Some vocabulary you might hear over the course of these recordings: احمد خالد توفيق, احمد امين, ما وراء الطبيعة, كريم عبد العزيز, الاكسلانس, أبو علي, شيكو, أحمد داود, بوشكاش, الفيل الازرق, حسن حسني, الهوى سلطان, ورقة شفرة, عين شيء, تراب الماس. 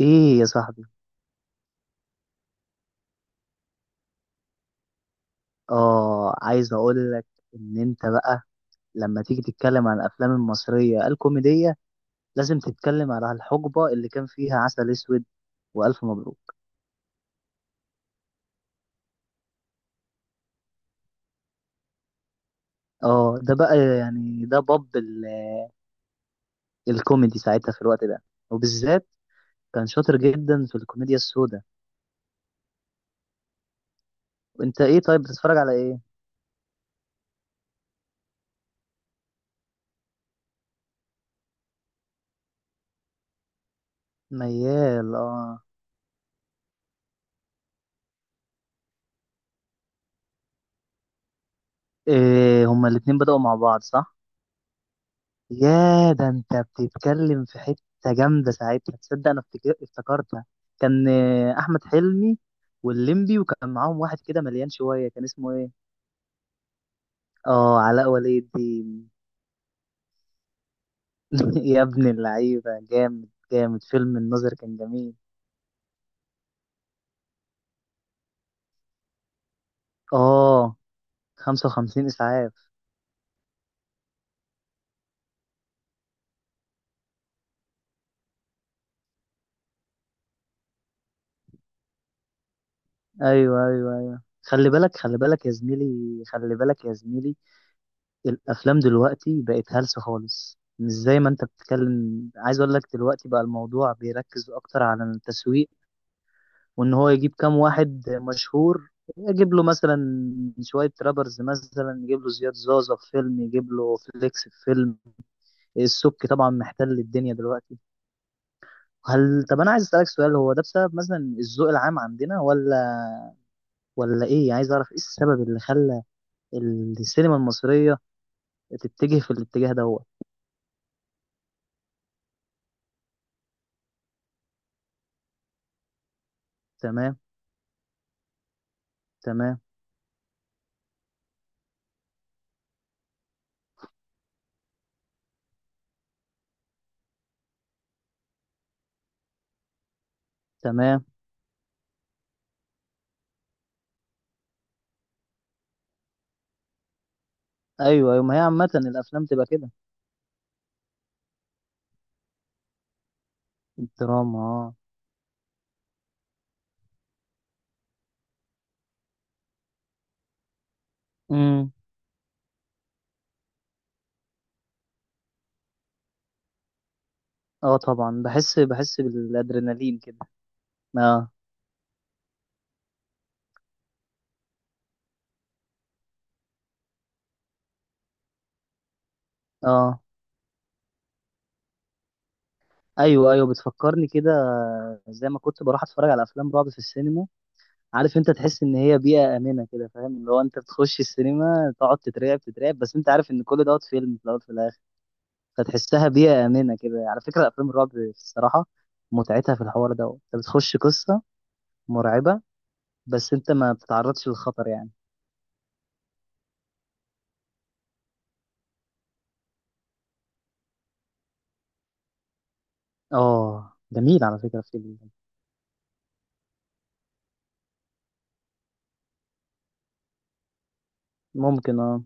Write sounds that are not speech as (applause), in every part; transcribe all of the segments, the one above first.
ايه يا صاحبي؟ اه، عايز اقول لك ان انت بقى لما تيجي تتكلم عن الافلام المصريه الكوميديه لازم تتكلم على الحقبه اللي كان فيها عسل اسود والف مبروك. اه ده بقى يعني ده باب الكوميدي ساعتها في الوقت ده، وبالذات كان شاطر جدا في الكوميديا السوداء. وانت ايه طيب، بتتفرج على ايه؟ ميال، اه. إيه، هما الاتنين بدأوا مع بعض صح؟ يا، ده انت بتتكلم في حتة جامدة ساعتها، تصدق انا افتكرتها. كان احمد حلمي واللمبي، وكان معاهم واحد كده مليان شوية، كان اسمه ايه؟ اه، علاء ولي الدين. (laughs) يا ابن اللعيبة، جامد جامد، فيلم الناظر كان جميل. اه، 55 اسعاف. ايوه ايوه ايوه، خلي بالك خلي بالك يا زميلي، خلي بالك يا زميلي. الافلام دلوقتي بقت هلس خالص، مش زي ما انت بتتكلم. عايز اقول لك دلوقتي بقى الموضوع بيركز اكتر على التسويق، وان هو يجيب كام واحد مشهور، يجيب له مثلا شوية رابرز، مثلا يجيب له زياد زازا في فيلم، يجيب له فليكس في فيلم. السبكي طبعا محتل الدنيا دلوقتي. هل، طب انا عايز اسالك سؤال، هو ده بسبب مثلا الذوق العام عندنا ولا ايه يعني؟ عايز اعرف ايه السبب اللي خلى السينما المصرية تتجه في الاتجاه دوت. تمام. تمام. تمام. ايوه ايوه، ما هي عامة الافلام تبقى كده. دراما، اه. امم. اه، طبعا بحس بالادرينالين كده. اه. اه، ايوه ايوه، بتفكرني كده. زي ما كنت بروح اتفرج على افلام رعب في السينما، عارف؟ انت تحس ان هي بيئة امنة كده فاهم، اللي هو انت بتخش السينما تقعد تترعب تترعب بس انت عارف ان كل دوت فيلم، في الاول في الاخر. فتحسها بيئة امنة كده. على فكرة افلام الرعب الصراحة، متعتها في الحوار دوت، انت بتخش قصة مرعبة بس انت ما بتتعرضش للخطر يعني. اه جميل. على فكرة، في ال-. ممكن، اه.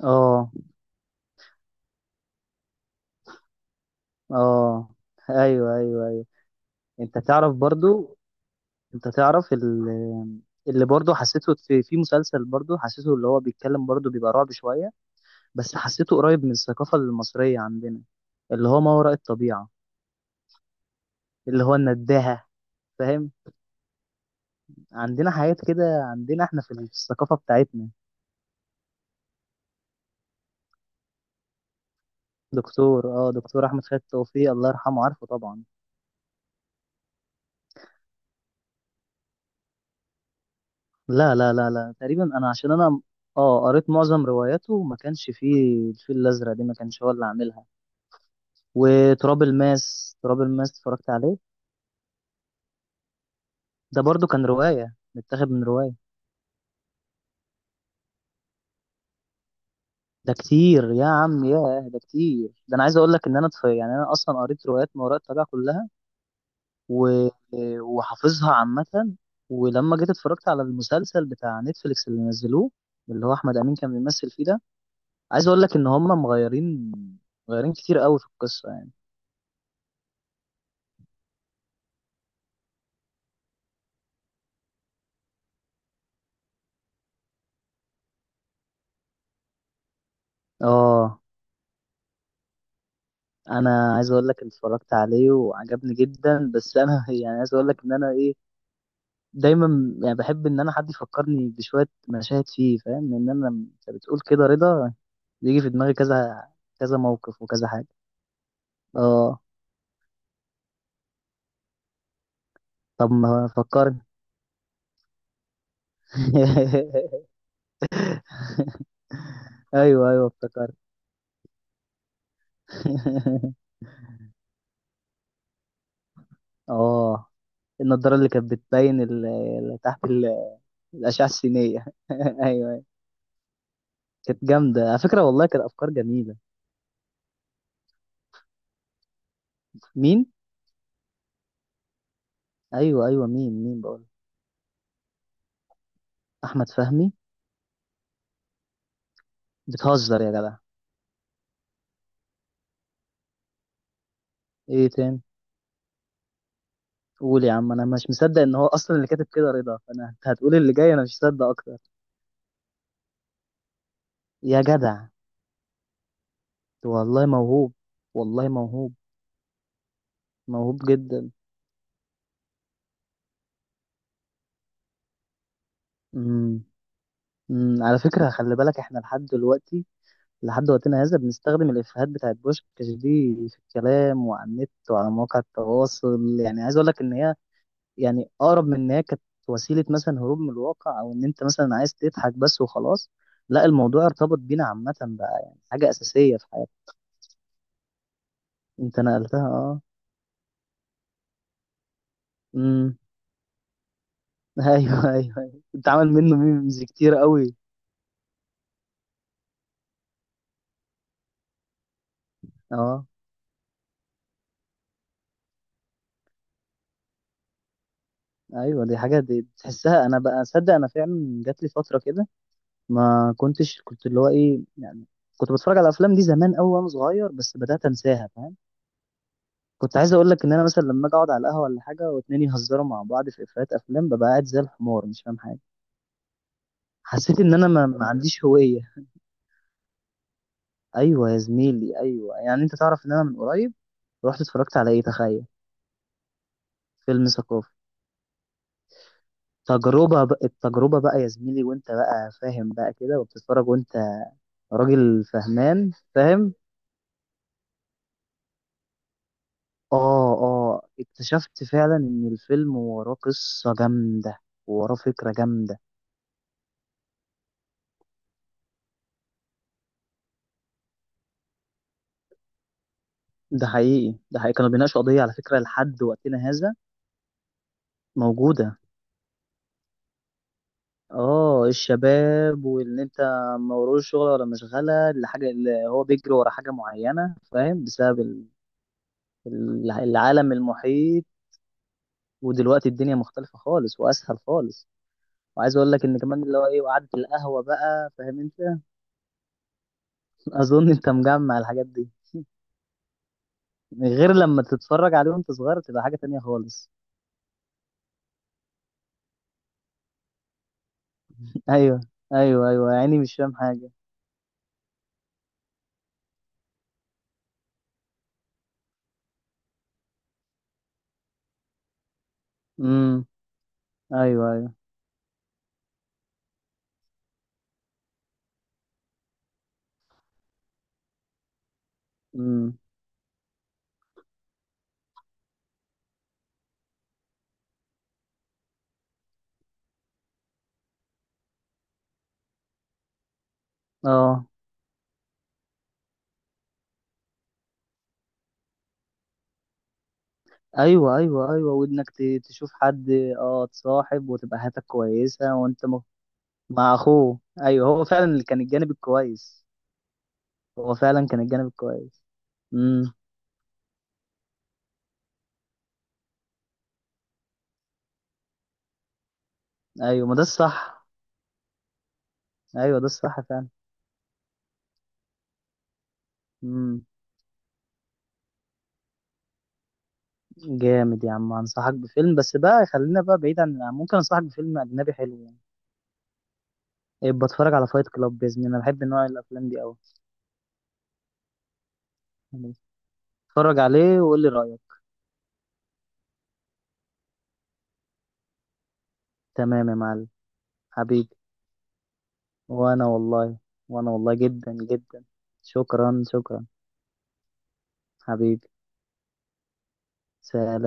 اه، اه. ايوه ايوه ايوه. انت تعرف برضو، انت تعرف اللي برضو حسيته في مسلسل، برضو حسيته اللي هو بيتكلم برضو بيبقى رعب شوية، بس حسيته قريب من الثقافة المصرية عندنا، اللي هو ما وراء الطبيعة، اللي هو النداهة، فاهم؟ عندنا حاجات كده، عندنا احنا في الثقافة بتاعتنا. دكتور احمد خالد توفيق الله يرحمه، عارفه طبعا. لا لا لا لا، تقريبا انا عشان انا اه قريت معظم رواياته، ما كانش فيه الفيل الازرق، دي ما كانش هو اللي عاملها. وتراب الماس، تراب الماس اتفرجت عليه. ده برضو كان رواية، متاخد من رواية. ده كتير يا عم، يا ده كتير، ده انا عايز اقول لك ان انا يعني انا اصلا قريت روايات ما وراء الطبيعة كلها، و... وحافظها عامة. ولما جيت اتفرجت على المسلسل بتاع نتفليكس اللي نزلوه، اللي هو احمد امين كان بيمثل فيه ده، عايز اقول لك ان هم مغيرين، مغيرين كتير قوي في القصة يعني. اه، انا عايز اقول لك إن اتفرجت عليه وعجبني جدا، بس انا (laughs) يعني عايز اقول لك ان انا ايه، دايما يعني بحب ان انا حد يفكرني بشويه مشاهد فيه، فاهم؟ ان انا انت بتقول كده رضا، بيجي في دماغي كذا كذا موقف وكذا حاجه. اه، طب ما فكرني. (laughs) ايوه ايوه، افتكرت. (laughs) اه، النضاره اللي كانت بتبين تحت الاشعه السينيه. (laughs) ايوه. أيوة. كانت جامده على فكره، والله كانت افكار جميله. مين؟ ايوه ايوه، مين بقول؟ احمد فهمي. بتهزر يا جدع. ايه تاني؟ قول يا عم، انا مش مصدق ان هو اصلا اللي كاتب كده رضا، فانا انت هتقول اللي جاي انا مش مصدق اكتر. يا جدع، والله موهوب، والله موهوب. موهوب جدا. امم. على فكره خلي بالك، احنا لحد دلوقتي لحد وقتنا هذا بنستخدم الافيهات بتاعت بوشكاش دي في الكلام وعلى النت وعلى مواقع التواصل، يعني عايز اقول لك ان هي، يعني اقرب من ان هي كانت وسيله مثلا هروب من الواقع، او ان انت مثلا عايز تضحك بس وخلاص. لا، الموضوع ارتبط بينا عامه بقى، يعني حاجه اساسيه في حياتنا. انت نقلتها، اه. امم. (laughs) ايوه ايوه ايوه، اتعمل منه ميمز كتير قوي. اه. ايوه، دي حاجه، دي تحسها. انا بقى اصدق انا فعلا جات لي فتره كده، ما كنتش كنت اللي هو ايه يعني، كنت بتفرج على الافلام دي زمان قوي وانا صغير بس بدات انساها، فاهم؟ كنت عايز اقول لك ان انا مثلا لما اجي اقعد على القهوه ولا حاجه واتنين يهزروا مع بعض في افيهات افلام، ببقى قاعد زي الحمار مش فاهم حاجه. حسيت ان انا ما عنديش هويه. ايوه يا زميلي، ايوه، يعني انت تعرف ان انا من قريب رحت اتفرجت على ايه، تخيل. فيلم ثقافي. تجربه بقى، التجربه بقى يا زميلي، وانت بقى فاهم بقى كده وبتتفرج وانت راجل فهمان، فاهم. اه، اه، اكتشفت فعلا ان الفيلم وراه قصه جامده، وراه فكره جامده. ده حقيقي، ده حقيقي كانوا بيناقشوا قضيه، على فكره لحد وقتنا هذا موجودة. اه الشباب، وان انت ما وروش شغل ولا مشغلة، الحاجة اللي هو بيجري ورا حاجة معينة، فاهم؟ بسبب ال-. العالم المحيط، ودلوقتي الدنيا مختلفة خالص واسهل خالص، وعايز اقول لك ان كمان اللي هو ايه وقعدة القهوة بقى، فاهم انت؟ (laughs) اظن انت مجمع الحاجات دي. غير لما تتفرج عليه وانت صغير، تبقى حاجة تانية خالص. (laughs) ايوه ايوه ايوه، يعني مش فاهم حاجة. امم. ايوه ايوه. امم. اه، ايوه ايوه ايوه، وانك تشوف حد. اه، تصاحب وتبقى حياتك كويسه، وانت م-. مع اخوه، ايوه، هو فعلا اللي كان الجانب الكويس. هو فعلا كان الجانب الكويس. امم. ايوه، ما ده الصح. ايوه، ده الصح فعلا. امم. جامد يا عم، انصحك بفيلم بس بقى خلينا بقى بعيد عن، ممكن انصحك بفيلم اجنبي حلو يعني. بتفرج على فايت كلاب باذن الله، انا بحب نوع الافلام دي قوي. اتفرج عليه وقول لي رايك. تمام يا معلم. حبيبي. وانا والله، وانا والله جدا جدا. شكرا شكرا. حبيبي. سلام.